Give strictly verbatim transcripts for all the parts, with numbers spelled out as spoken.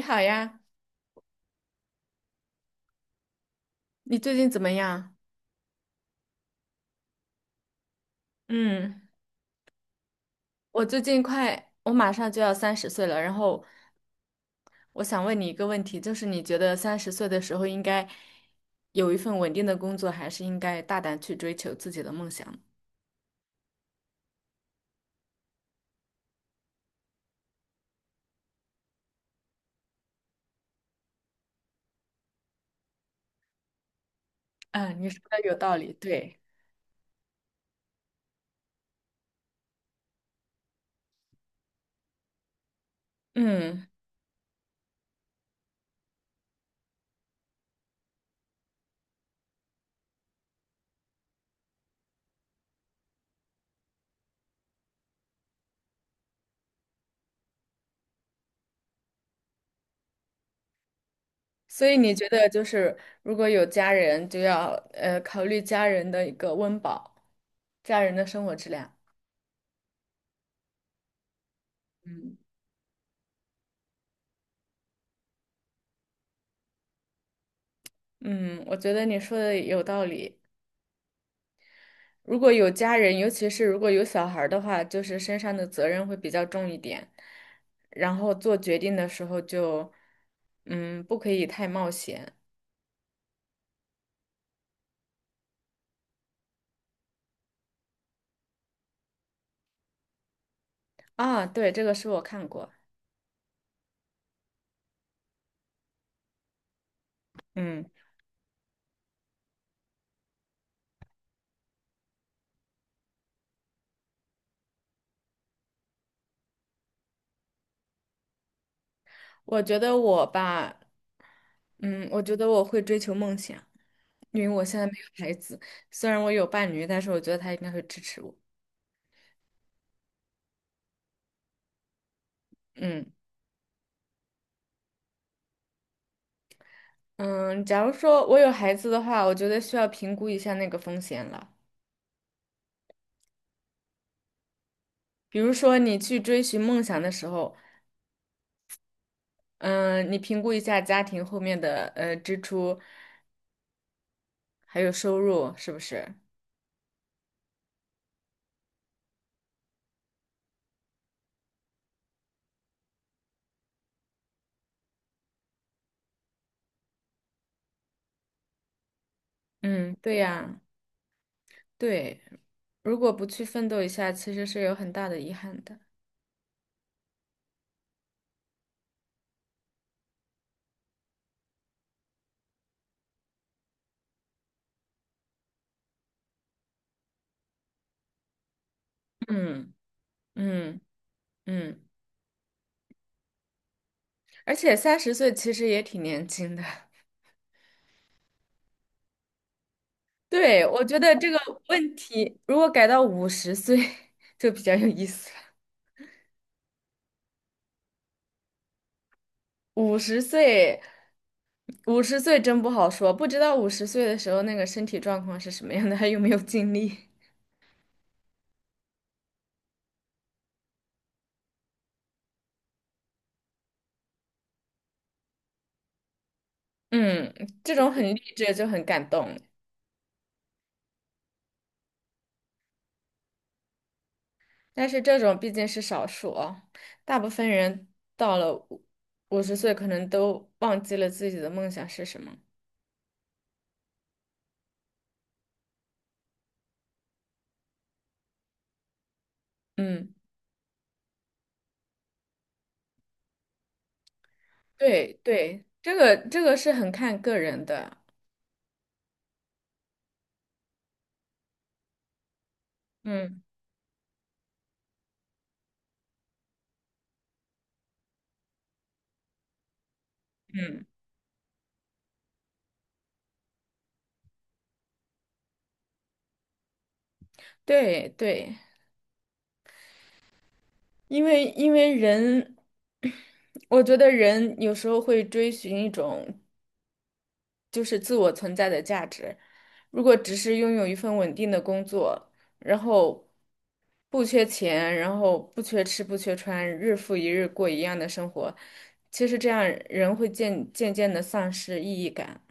你好呀，你最近怎么样？嗯，我最近快，我马上就要三十岁了，然后我想问你一个问题，就是你觉得三十岁的时候应该有一份稳定的工作，还是应该大胆去追求自己的梦想？嗯，你说的有道理，对。嗯，所以你觉得就是如果有家人，就要呃考虑家人的一个温饱，家人的生活质量。嗯嗯，我觉得你说的有道理。如果有家人，尤其是如果有小孩儿的话，就是身上的责任会比较重一点，然后做决定的时候就，嗯，不可以太冒险。啊。对，这个是我看过。嗯，我觉得我吧。嗯，我觉得我会追求梦想，因为我现在没有孩子，虽然我有伴侣，但是我觉得他应该会支持我。嗯嗯。假如说我有孩子的话，我觉得需要评估一下那个风险了。比如说，你去追寻梦想的时候，嗯，呃你评估一下家庭后面的呃支出，还有收入，是不是？嗯，对呀，对。如果不去奋斗一下，其实是有很大的遗憾的。嗯嗯嗯，而且三十岁其实也挺年轻的。对，我觉得这个问题如果改到五十岁 就比较有意思了。五十岁，五十岁真不好说，不知道五十岁的时候那个身体状况是什么样的，还有没有精力。嗯，这种很励志就很感动，但是这种毕竟是少数哦，大部分人到了五五十岁，可能都忘记了自己的梦想是什么。嗯，对对，这个这个是很看个人的。嗯嗯，对对，因为因为人，我觉得人有时候会追寻一种就是自我存在的价值。如果只是拥有一份稳定的工作，然后不缺钱，然后不缺吃，不缺穿，日复一日过一样的生活，其实这样人会渐渐渐的丧失意义感。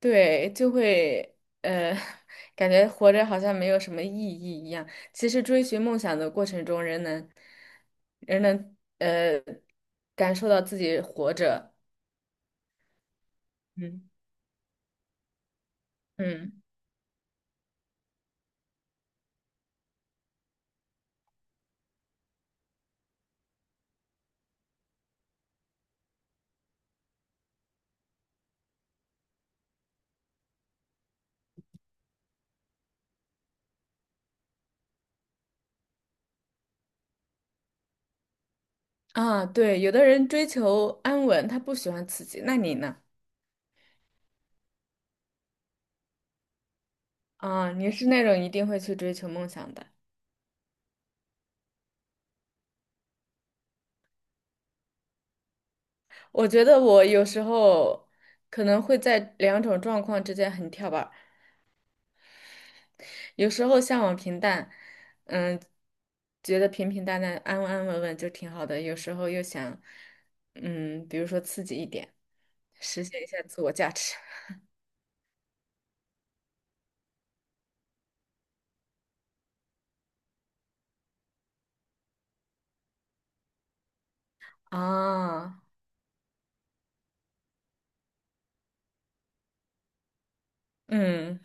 对，就会呃，感觉活着好像没有什么意义一样。其实追寻梦想的过程中，人能人能呃感受到自己活着。嗯嗯啊，对，有的人追求安稳，他不喜欢刺激，那你呢？啊，你是那种一定会去追求梦想的。我觉得我有时候可能会在两种状况之间很跳板儿，有时候向往平淡，嗯，觉得平平淡淡、安安稳稳就挺好的；有时候又想，嗯，比如说刺激一点，实现一下自我价值。啊。嗯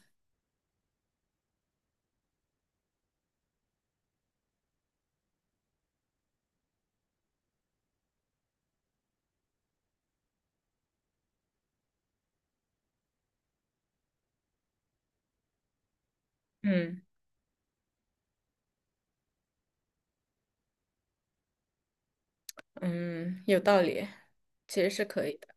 嗯嗯，有道理，其实是可以的。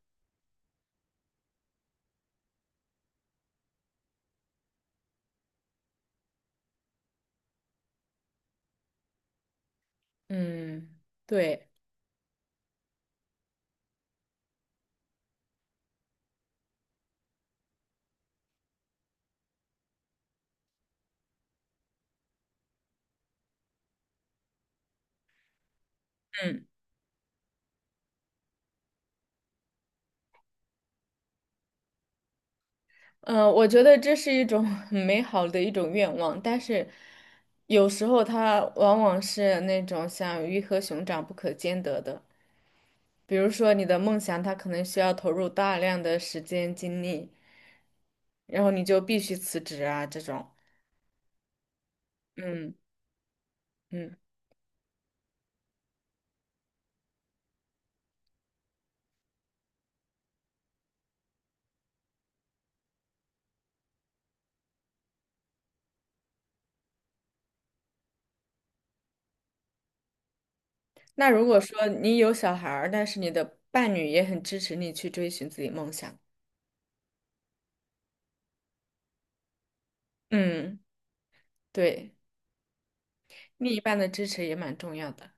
嗯，对。嗯。嗯，呃我觉得这是一种很美好的一种愿望，但是有时候它往往是那种像鱼和熊掌不可兼得的。比如说你的梦想，它可能需要投入大量的时间精力，然后你就必须辞职啊，这种。嗯嗯。那如果说你有小孩儿，但是你的伴侣也很支持你去追寻自己梦想。嗯，对，另一半的支持也蛮重要的。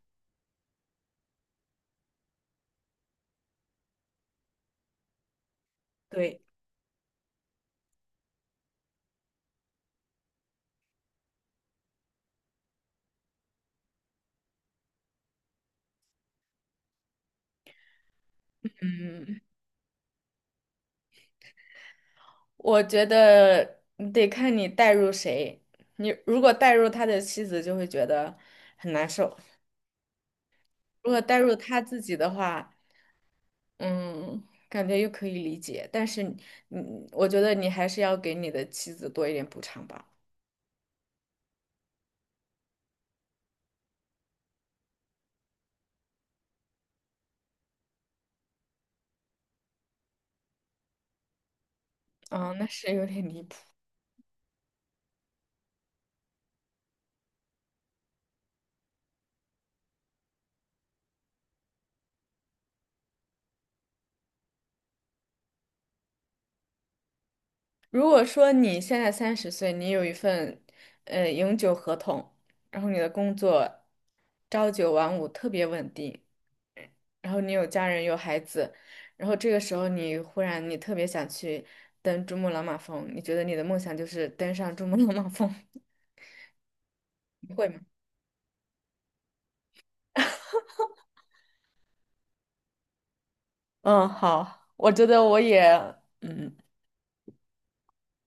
对。嗯。我觉得你得看你带入谁。你如果带入他的妻子，就会觉得很难受；如果带入他自己的话，嗯，感觉又可以理解。但是你，嗯，我觉得你还是要给你的妻子多一点补偿吧。啊，那是有点离谱。如果说你现在三十岁，你有一份呃永久合同，然后你的工作朝九晚五，特别稳定。然后你有家人有孩子，然后这个时候你忽然你特别想去登珠穆朗玛峰，你觉得你的梦想就是登上珠穆朗玛峰。你会吗？嗯，好，我觉得我也，嗯，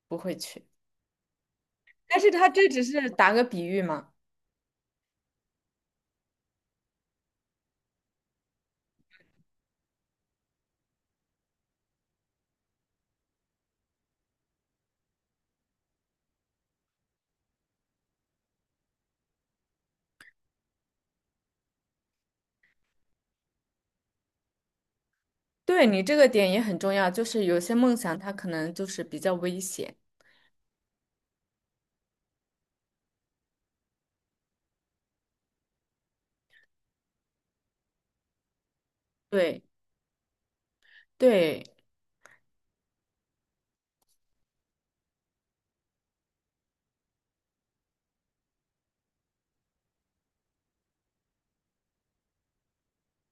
不会去。但是他这只是打个比喻嘛。对，你这个点也很重要，就是有些梦想它可能就是比较危险。对对，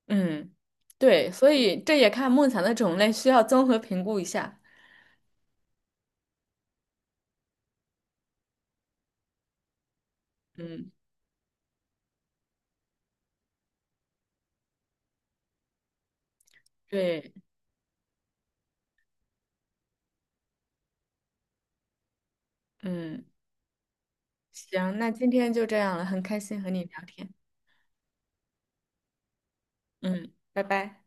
嗯，对，所以这也看梦想的种类，需要综合评估一下。嗯，对。嗯。行，那今天就这样了，很开心和你聊天。嗯，拜拜。